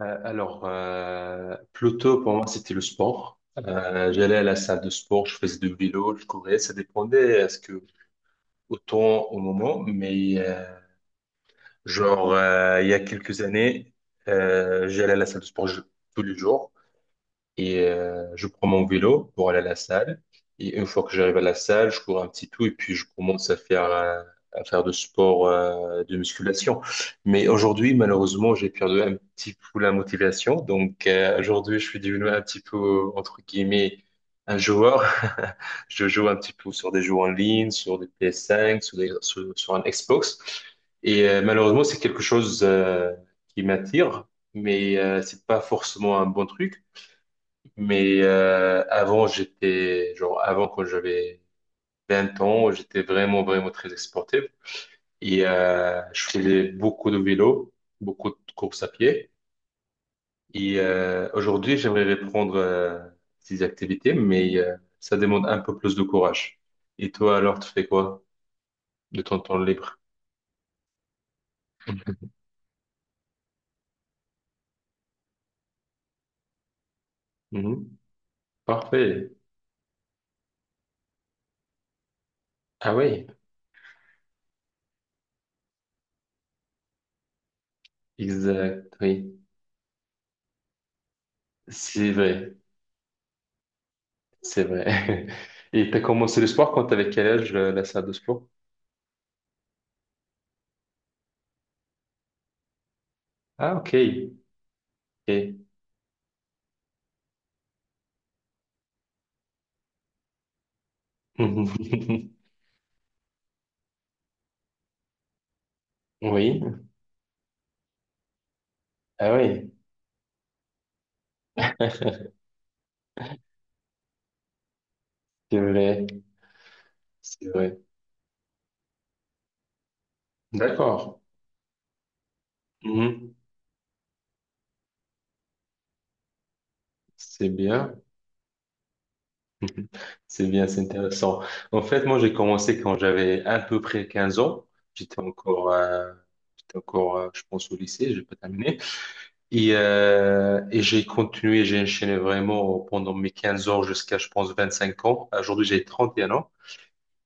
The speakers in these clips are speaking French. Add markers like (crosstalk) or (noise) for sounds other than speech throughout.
Alors, plutôt pour moi, c'était le sport. J'allais à la salle de sport, je faisais du vélo, je courais, ça dépendait à ce que autant au moment, mais genre il y a quelques années, j'allais à la salle de sport tous les jours. Et je prends mon vélo pour aller à la salle. Et une fois que j'arrive à la salle, je cours un petit tout et puis je commence à faire de sport, de musculation. Mais aujourd'hui, malheureusement, j'ai perdu un petit peu la motivation. Donc aujourd'hui, je suis devenu un petit peu, entre guillemets, un joueur. (laughs) Je joue un petit peu sur des jeux en ligne, sur des PS5, sur un Xbox. Et malheureusement, c'est quelque chose qui m'attire, mais c'est pas forcément un bon truc. Mais avant quand j'avais 20 ans, j'étais vraiment, vraiment très sportif. Et je faisais beaucoup de vélo, beaucoup de courses à pied. Et aujourd'hui, j'aimerais reprendre ces activités, mais ça demande un peu plus de courage. Et toi, alors, tu fais quoi de ton temps libre? Mhm. Parfait. Ah oui, exact, oui. C'est vrai, c'est vrai. (laughs) Et tu as commencé le sport quand tu avais quel âge, la salle de sport? Ah, ok. Ok. (laughs) Oui, ah oui, c'est vrai, c'est vrai. D'accord. Mhm. C'est bien. Mhm. C'est bien, c'est intéressant. En fait, moi, j'ai commencé quand j'avais à peu près 15 ans. J'étais encore, euh, j'étais encore, je pense, au lycée, j'ai pas terminé. Et j'ai continué, j'ai enchaîné vraiment pendant mes 15 ans jusqu'à, je pense, 25 ans. Aujourd'hui, j'ai 31 ans.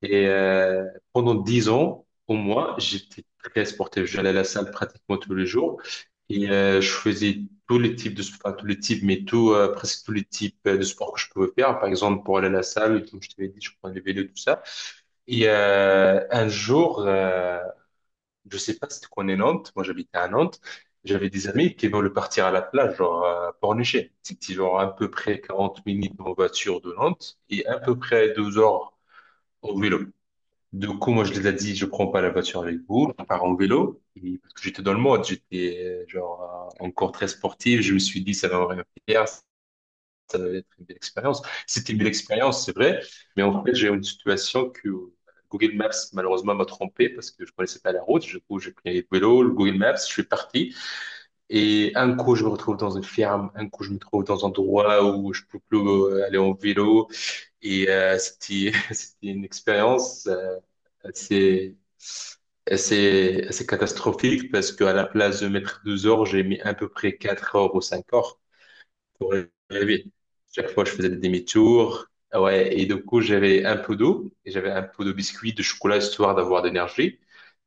Et pendant 10 ans, au moins, j'étais très sportif. J'allais à la salle pratiquement tous les jours et je faisais tous les types de sport, tous les types, mais presque tous les types de sport que je pouvais faire. Par exemple, pour aller à la salle, comme je t'avais dit, je prenais le vélo, tout ça. Et un jour, je sais pas si tu connais Nantes, moi j'habitais à Nantes, j'avais des amis qui voulaient partir à la plage, genre Pornichet. C'était genre à peu près 40 minutes en voiture de Nantes et à peu près 2 heures au vélo. Du coup, moi, je les ai dit, je prends pas la voiture avec vous, je pars en vélo. Et parce que j'étais dans le mode, j'étais genre encore très sportif. Je me suis dit, ça va être une belle expérience. C'était une belle expérience, c'est vrai. Mais en fait, j'ai eu une situation que Google Maps, malheureusement, m'a trompé parce que je connaissais pas la route. Du coup, j'ai pris le vélo, le Google Maps, je suis parti. Et un coup, je me retrouve dans une ferme. Un coup, je me trouve dans un endroit où je peux plus aller en vélo. Et c'était (laughs) c'était une expérience assez, assez, assez catastrophique parce qu'à la place de mettre 12 heures, j'ai mis à peu près 4 heures ou 5 heures pour y arriver. Chaque fois, je faisais des demi-tours. Ah ouais, et du coup, j'avais un peu d'eau et j'avais un peu de biscuits, de chocolat, histoire d'avoir de l'énergie.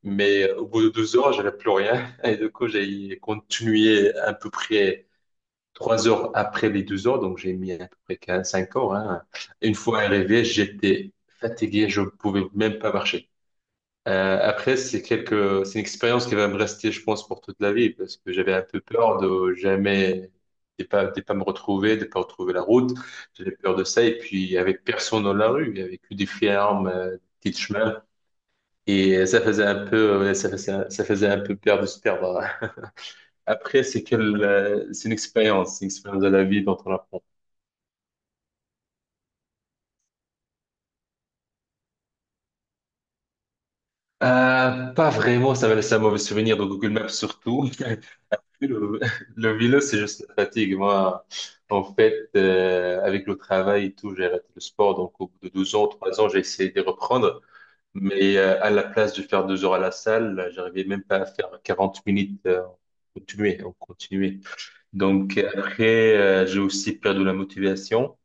Mais au bout de 12 heures, j'avais plus rien. (laughs) Et du coup, j'ai continué à peu près 3 heures après les 12 heures, donc j'ai mis à peu près 15, 5 heures. Hein. Une fois arrivé, j'étais fatigué, je pouvais même pas marcher. Après, c'est une expérience qui va me rester, je pense, pour toute la vie, parce que j'avais un peu peur de jamais, de pas me retrouver, de pas retrouver la route. J'avais peur de ça, et puis il y avait personne dans la rue, il y avait que des fermes, des petits chemins, et ça faisait un peu, ouais, ça faisait un peu peur de se perdre. Après, c'est une expérience de la vie dont on apprend. Pas vraiment, ça m'a laissé un mauvais souvenir de Google Maps surtout. (laughs) Le, le vélo, c'est juste la fatigue. Moi, en fait, avec le travail et tout, j'ai arrêté le sport. Donc, au bout de 12 ans, 3 ans, j'ai essayé de reprendre. Mais à la place de faire 2 heures à la salle, j'arrivais même pas à faire 40 minutes en continuer. Donc, après, j'ai aussi perdu la motivation.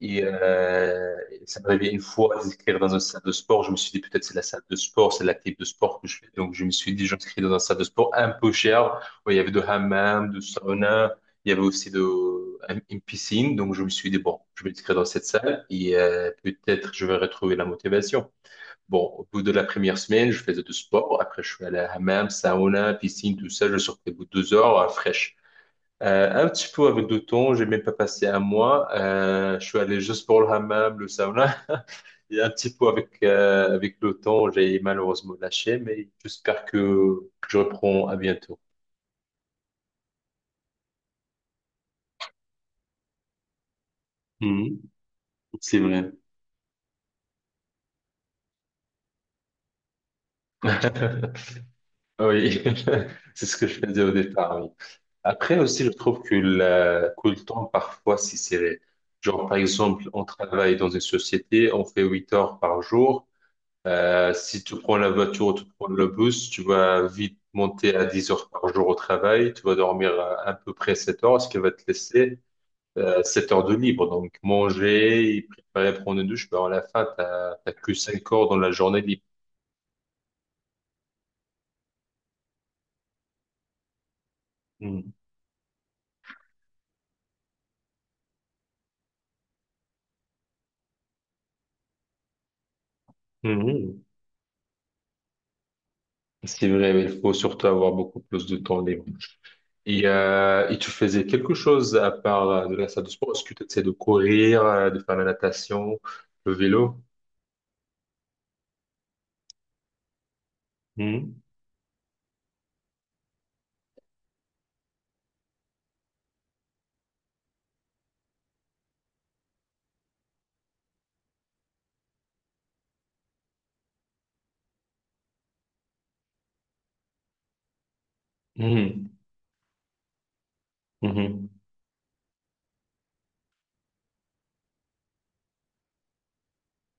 Et ça m'est arrivé une fois d'inscrire dans une salle de sport. Je me suis dit, peut-être c'est la salle de sport, c'est l'activité de sport que je fais. Donc, je me suis dit, j'inscris dans une salle de sport un peu chère, où il y avait de hammam, de sauna. Il y avait aussi de, une piscine. Donc, je me suis dit, bon, je vais m'inscrire dans cette salle et peut-être je vais retrouver la motivation. Bon, au bout de la première semaine, je faisais du sport. Après, je suis allé à hammam, sauna, piscine, tout ça. Je sortais au bout de 2 heures, fraîche. Un petit peu avec le temps, j'ai même pas passé un mois. Je suis allé juste pour le hammam, le sauna. (laughs) Et un petit peu avec le temps, j'ai malheureusement lâché, mais j'espère que je reprends à bientôt. Mhm. C'est vrai. (laughs) Oui, (laughs) c'est ce que je faisais au départ. Oui. Après aussi, je trouve que, que le temps parfois si serré. Genre, par exemple, on travaille dans une société, on fait 8 heures par jour. Si tu prends la voiture ou tu prends le bus, tu vas vite monter à 10 heures par jour au travail, tu vas dormir à peu près 7 heures, ce qui va te laisser 7 heures de libre. Donc manger, préparer, prendre une douche, ben à la fin, t'as que 5 heures dans la journée libre. Mhm. Mhm. C'est vrai, mais il faut surtout avoir beaucoup plus de temps libre. Et tu faisais quelque chose à part de la salle de sport? Est-ce que tu essaies de courir, de faire la natation, le vélo? Mhm. Mhm. Mhm.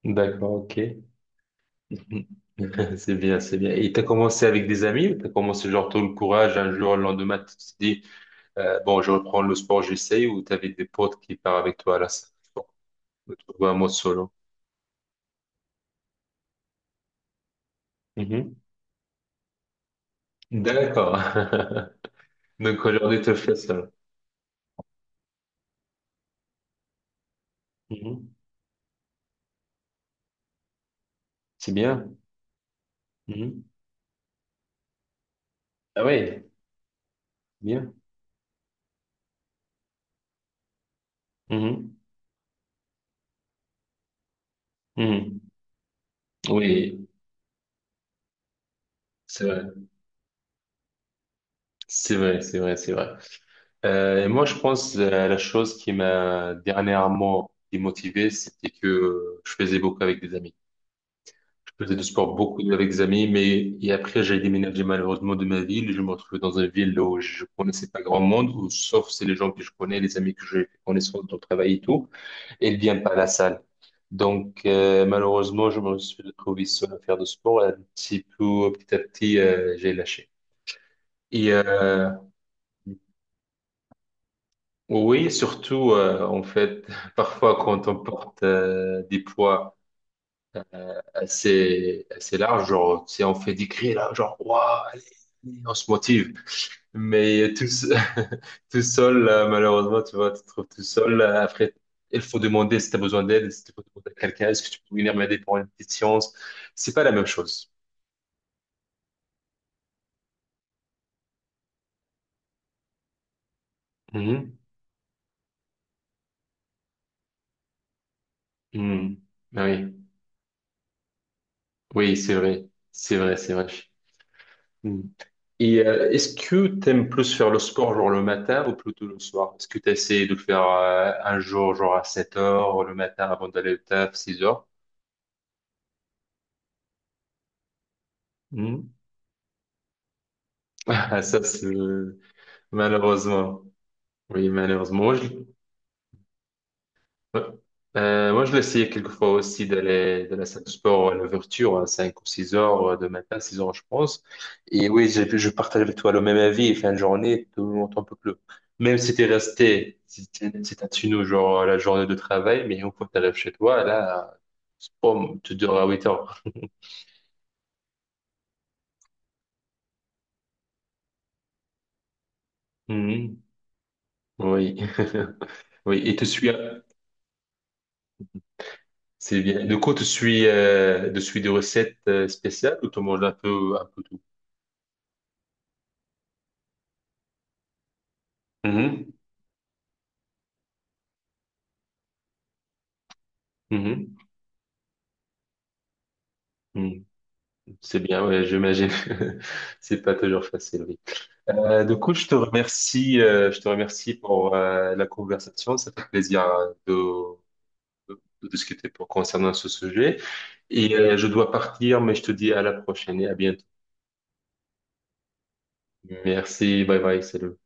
D'accord, ok. (laughs) C'est bien, c'est bien. Et t'as commencé avec des amis ou t'as commencé genre tout le courage un jour, le lendemain, tu te dis, bon, je reprends le sport, j'essaye, ou t'avais des potes qui partent avec toi à la salle, ou tu vois un mode solo. Mhm. D'accord. (laughs) Donc aujourd'hui, tu le fais seul. Mhm. C'est bien. Mhm. Ah oui, bien. Mhm. Mhm. Oui, c'est vrai. C'est vrai, c'est vrai, c'est vrai. Et moi, je pense la chose qui m'a dernièrement démotivé, c'était que je faisais beaucoup avec des amis. Je faisais du sport beaucoup avec des amis, mais et après, j'ai déménagé malheureusement de ma ville. Je me retrouvais dans une ville où je connaissais pas grand monde, où, sauf c'est les gens que je connais, les amis que j'ai fait connaissance dans le travail et tout, et ils viennent pas à la salle. Donc, malheureusement, je me suis retrouvé seul à faire du sport. Et un petit peu, petit à petit, j'ai lâché. Et oui, surtout en fait, (laughs) parfois quand on porte des poids assez assez larges, genre tu sais, on fait des cris là, genre waouh, allez, allez, on se motive. Mais (laughs) tout seul, malheureusement, tu vois, tu te trouves tout seul. Après, il faut demander si tu as besoin d'aide, si tu peux demander à quelqu'un, est-ce que tu peux venir m'aider pour une petite séance? C'est pas la même chose. Mhm. Mhm. Ah oui, oui, c'est vrai, c'est vrai, c'est vrai. Mmh. Et est-ce que t'aimes plus faire le sport genre le matin ou plutôt le soir? Est-ce que tu essaies de le faire un jour genre à 7 heures le matin avant d'aller au taf, 6 heures? Hmm. (laughs) Ah, ça c'est malheureusement. Oui, malheureusement. Ouais. Moi, je l'essayais quelquefois aussi d'aller de la salle de sport à l'ouverture, à 5 ou 6 heures de matin, 6 heures, je pense. Et oui, j'ai je partage avec toi le même avis. Fin de journée, tout le monde un peu plus. Même si t'es resté, si t'es si t'as tenu au genre la journée de travail, mais une fois que t'arrives chez toi, là, boum, tu dors à 8 heures. Mhm. Oui. (laughs) Oui. C'est bien. Du coup, tu suis des recettes spéciales ou tu manges un peu tout? Mhm. Mhm. C'est bien, ouais, j'imagine. (laughs) C'est pas toujours facile, oui. Du coup, je te remercie pour la conversation. Ça fait plaisir hein, de discuter concernant ce sujet. Et je dois partir, mais je te dis à la prochaine et à bientôt. Merci, bye bye, salut.